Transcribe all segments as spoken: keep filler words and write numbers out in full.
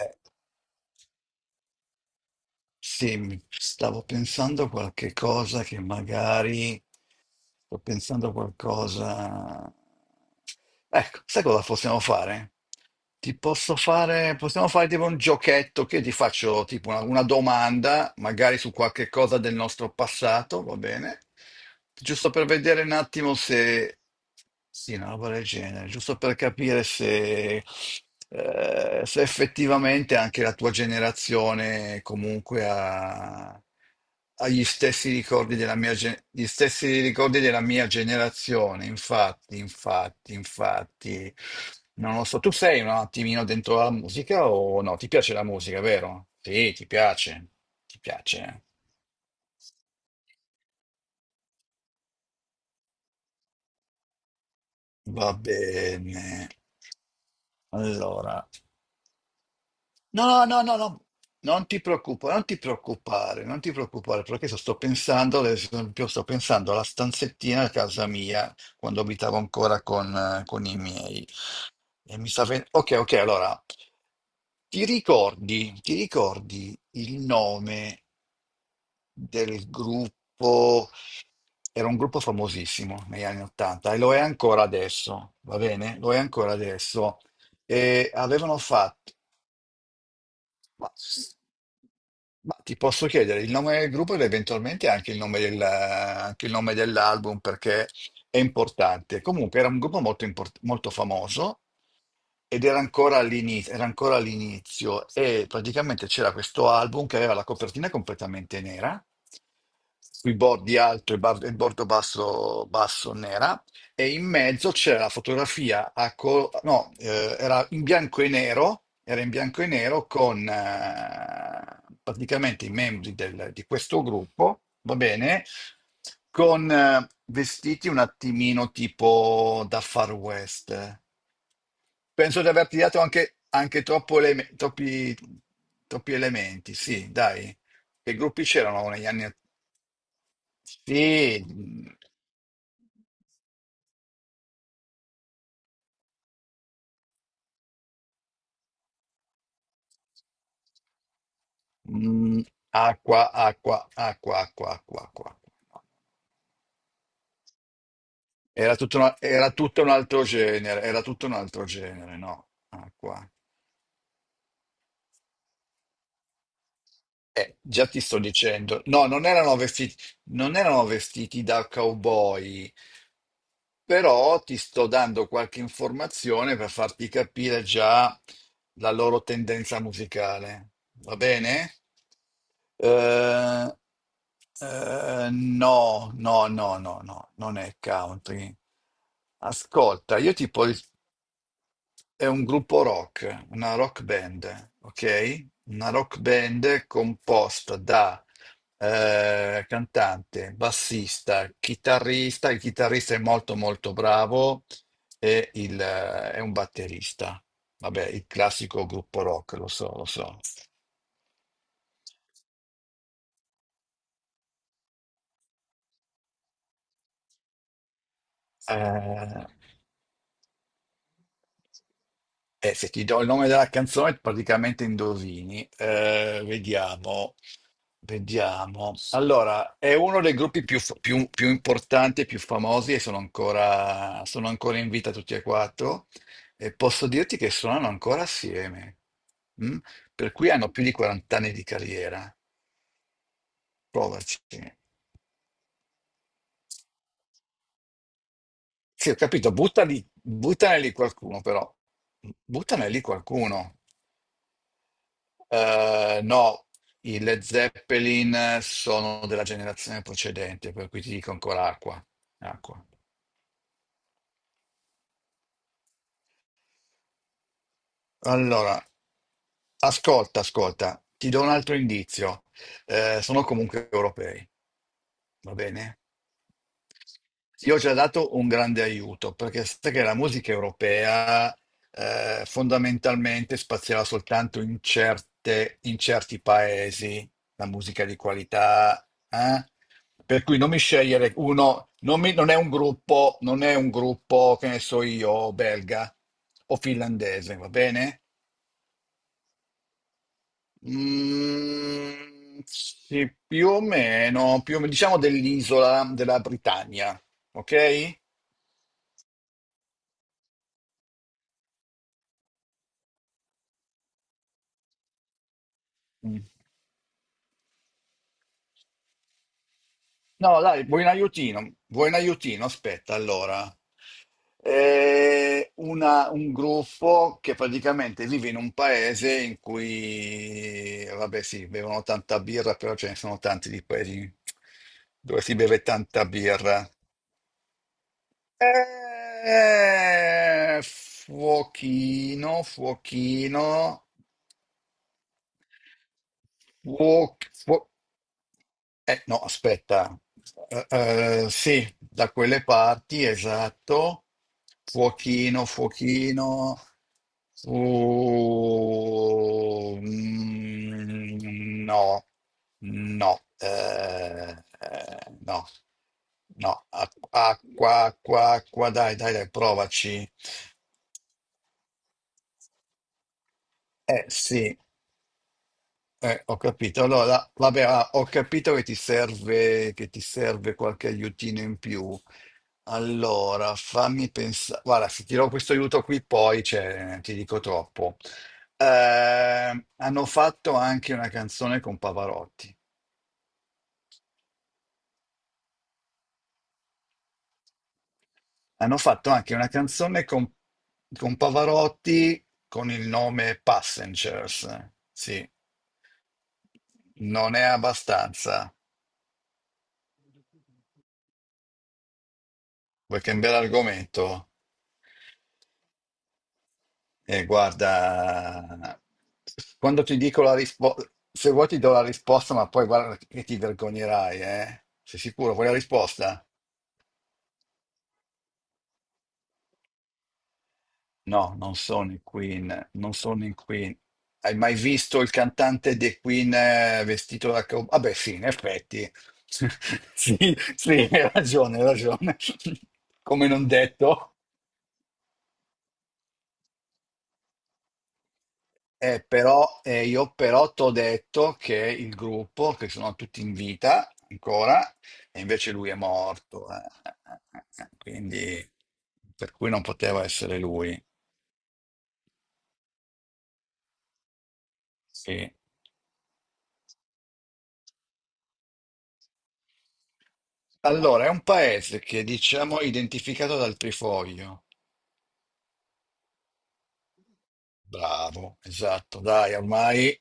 Eh, sì, mi- stavo pensando a qualche cosa che magari sto pensando a qualcosa. Ecco, sai cosa possiamo fare? Ti posso fare, possiamo fare tipo un giochetto che ti faccio tipo una, una domanda, magari su qualche cosa del nostro passato, va bene? Giusto per vedere un attimo se. Sì, una roba del genere, giusto per capire se, eh, se effettivamente anche la tua generazione comunque ha agli stessi ricordi della mia, ge- gli stessi ricordi della mia generazione. Infatti, infatti, infatti, non lo so. Tu sei un attimino dentro la musica o no? Ti piace la musica, vero? Sì, ti piace, ti piace. Va bene. Allora. No, no, no, no, no. Non ti preoccupare, non ti preoccupare, non ti preoccupare, perché adesso sto pensando, ad esempio, sto pensando alla stanzettina a casa mia, quando abitavo ancora con, eh, con i miei. E mi sta ven- Ok, ok, allora, ti ricordi, ti ricordi il nome del gruppo? Era un gruppo famosissimo negli anni ottanta e lo è ancora adesso, va bene? Lo è ancora adesso e avevano fatto ma, s- ma ti posso chiedere il nome del gruppo ed eventualmente anche il nome del- anche il nome dell'album perché è importante. Comunque era un gruppo molto, import- molto famoso ed era ancora all'inizio, era ancora all'inizio e praticamente c'era questo album che aveva la copertina completamente nera, sui bordi alto e bar- e il bordo basso, basso nera e in mezzo c'era la fotografia a co- no, eh, era in bianco e nero, era in bianco e nero con eh, praticamente i membri del- di questo gruppo, va bene, con eh, vestiti un attimino tipo da Far West. Penso di averti dato anche, anche troppo eleme- troppi, troppi elementi, sì, dai. Che gruppi c'erano negli anni. Sì, Mm, acqua, acqua, acqua, acqua, acqua, acqua. Era tutto, una- era tutto un altro genere, era tutto un altro genere, no? Acqua. Eh, già ti sto dicendo. No, non erano vestiti, non erano vestiti da cowboy, però ti sto dando qualche informazione per farti capire già la loro tendenza musicale. Va bene? Eh, eh, no, no, no, no, no, non è country. Ascolta, io ti, po- è un gruppo rock, una rock band, ok? Una rock band composta da eh, cantante, bassista, chitarrista, il chitarrista è molto molto bravo e il, eh, è un batterista. Vabbè, il classico gruppo rock, lo so, lo so. Eh, eh, se ti do il nome della canzone, praticamente indovini. Eh, vediamo. Vediamo. Allora, è uno dei gruppi più, f- più- più importanti e più famosi e sono ancora, sono ancora in vita tutti e quattro e posso dirti che suonano ancora assieme, mm? Per cui hanno più di quaranta anni di carriera. Provaci. Sì, ho capito, buttali, buttane lì qualcuno però, buttane lì qualcuno. Eh, no, i Led Zeppelin sono della generazione precedente, per cui ti dico ancora acqua, acqua. Allora, ascolta, ascolta, ti do un altro indizio. Eh, sono comunque europei, va bene? Io ho già dato un grande aiuto, perché sai che la musica europea eh, fondamentalmente spaziava soltanto in certe- in certi paesi, la musica di qualità, eh? Per cui non mi scegliere uno, non, mi- non è un gruppo, non è un gruppo, che ne so io, belga o finlandese, va bene? Mm, sì, più o meno, più o meno, diciamo dell'isola della Britannia, ok? Mm. No, dai, vuoi un aiutino? Vuoi un aiutino? Aspetta, allora. È una- un gruppo che praticamente vive in un paese in cui, vabbè, sì, bevono tanta birra, però ce ne sono tanti di paesi dove si beve tanta birra. Eh, fuochino, fuochino, fuo- fuo- eh, no, aspetta. Eh, eh, sì, da quelle parti, esatto. Fuochino, fuochino. Fu- mm, no, no, eh, eh, no, no. Acqua, acqua, acqua, dai, dai, dai, provaci. Eh, sì. Eh, ho capito. Allora, vabbè, ah, ho capito che ti serve, che ti serve qualche aiutino in più. Allora, fammi pensare. Guarda, se ti do questo aiuto qui, poi cioè, ti dico troppo. Eh, hanno fatto anche una canzone con Pavarotti. Hanno fatto anche una canzone con, con Pavarotti con il nome Passengers. Sì, non è abbastanza. Vuoi cambiare argomento? Eh, guarda, quando ti dico la risposta, se vuoi ti do la risposta, ma poi guarda che ti vergognerai, eh? Sei sicuro? Vuoi la risposta? No, non sono i Queen, non sono i Queen. Hai mai visto il cantante dei Queen eh, vestito da cowboy? Vabbè, sì, in effetti. Sì, sì, hai ragione, hai ragione. Come non detto. Eh, però, eh, io però t'ho detto che il gruppo, che sono tutti in vita ancora, e invece lui è morto. eh, eh, eh, eh, Quindi, per cui non poteva essere lui. Sì. Allora, è un paese che diciamo è identificato dal trifoglio. Bravo, esatto, dai, ormai.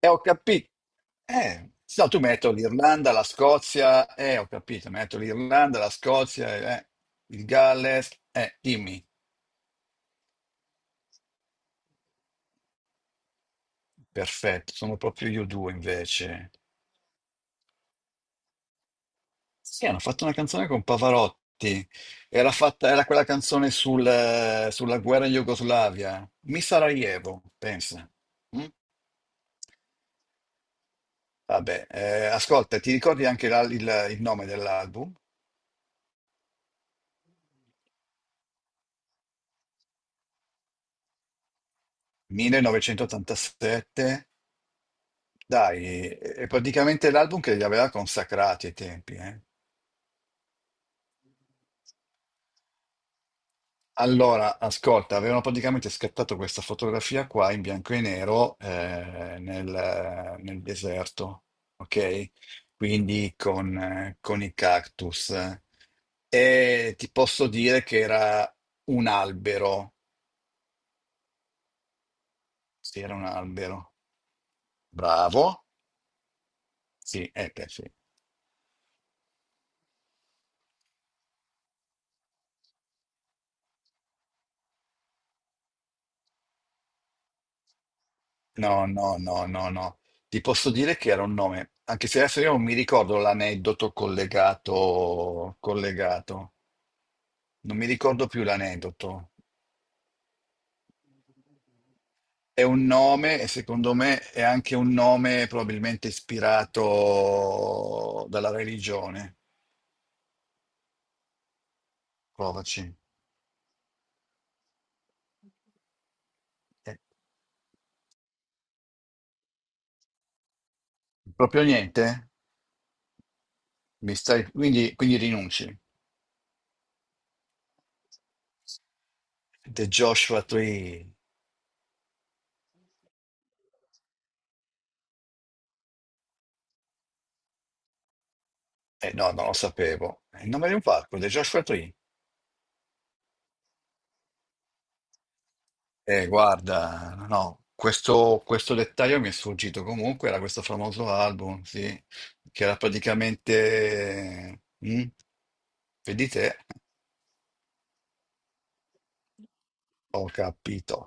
E ho capito. Eh, no, tu metto l'Irlanda, la Scozia, eh, ho capito, metto l'Irlanda, la Scozia, eh, il Galles, eh, dimmi. Perfetto, sono proprio io due invece. Sì, hanno fatto una canzone con Pavarotti. Era fatta, era quella canzone sul, eh, sulla guerra in Jugoslavia. Mi Sarajevo, pensa. Mm? Vabbè, eh, ascolta, ti ricordi anche la- il, il nome dell'album? millenovecentottantasette. Dai, è praticamente l'album che li aveva consacrati ai tempi, eh? Allora, ascolta, avevano praticamente scattato questa fotografia qua in bianco e nero eh, nel, nel deserto, ok? Quindi con, eh, con i cactus. E ti posso dire che era un albero. Sì, era un albero. Bravo. Sì, eh, beh, sì. No, no, no, no, no. Ti posso dire che era un nome, anche se adesso io non mi ricordo l'aneddoto collegato, collegato. Non mi ricordo più l'aneddoto. È un nome e secondo me è anche un nome probabilmente ispirato dalla religione. Provaci. Eh, Proprio niente? Mi stai. Quindi, quindi rinunci. The Joshua Tree. Eh no, non lo sapevo. È il nome di un parco, The Joshua Tree. Eh, guarda, no, no, questo, questo dettaglio mi è sfuggito. Comunque era questo famoso album, sì, che era praticamente. Mm, vedi te, ho capito.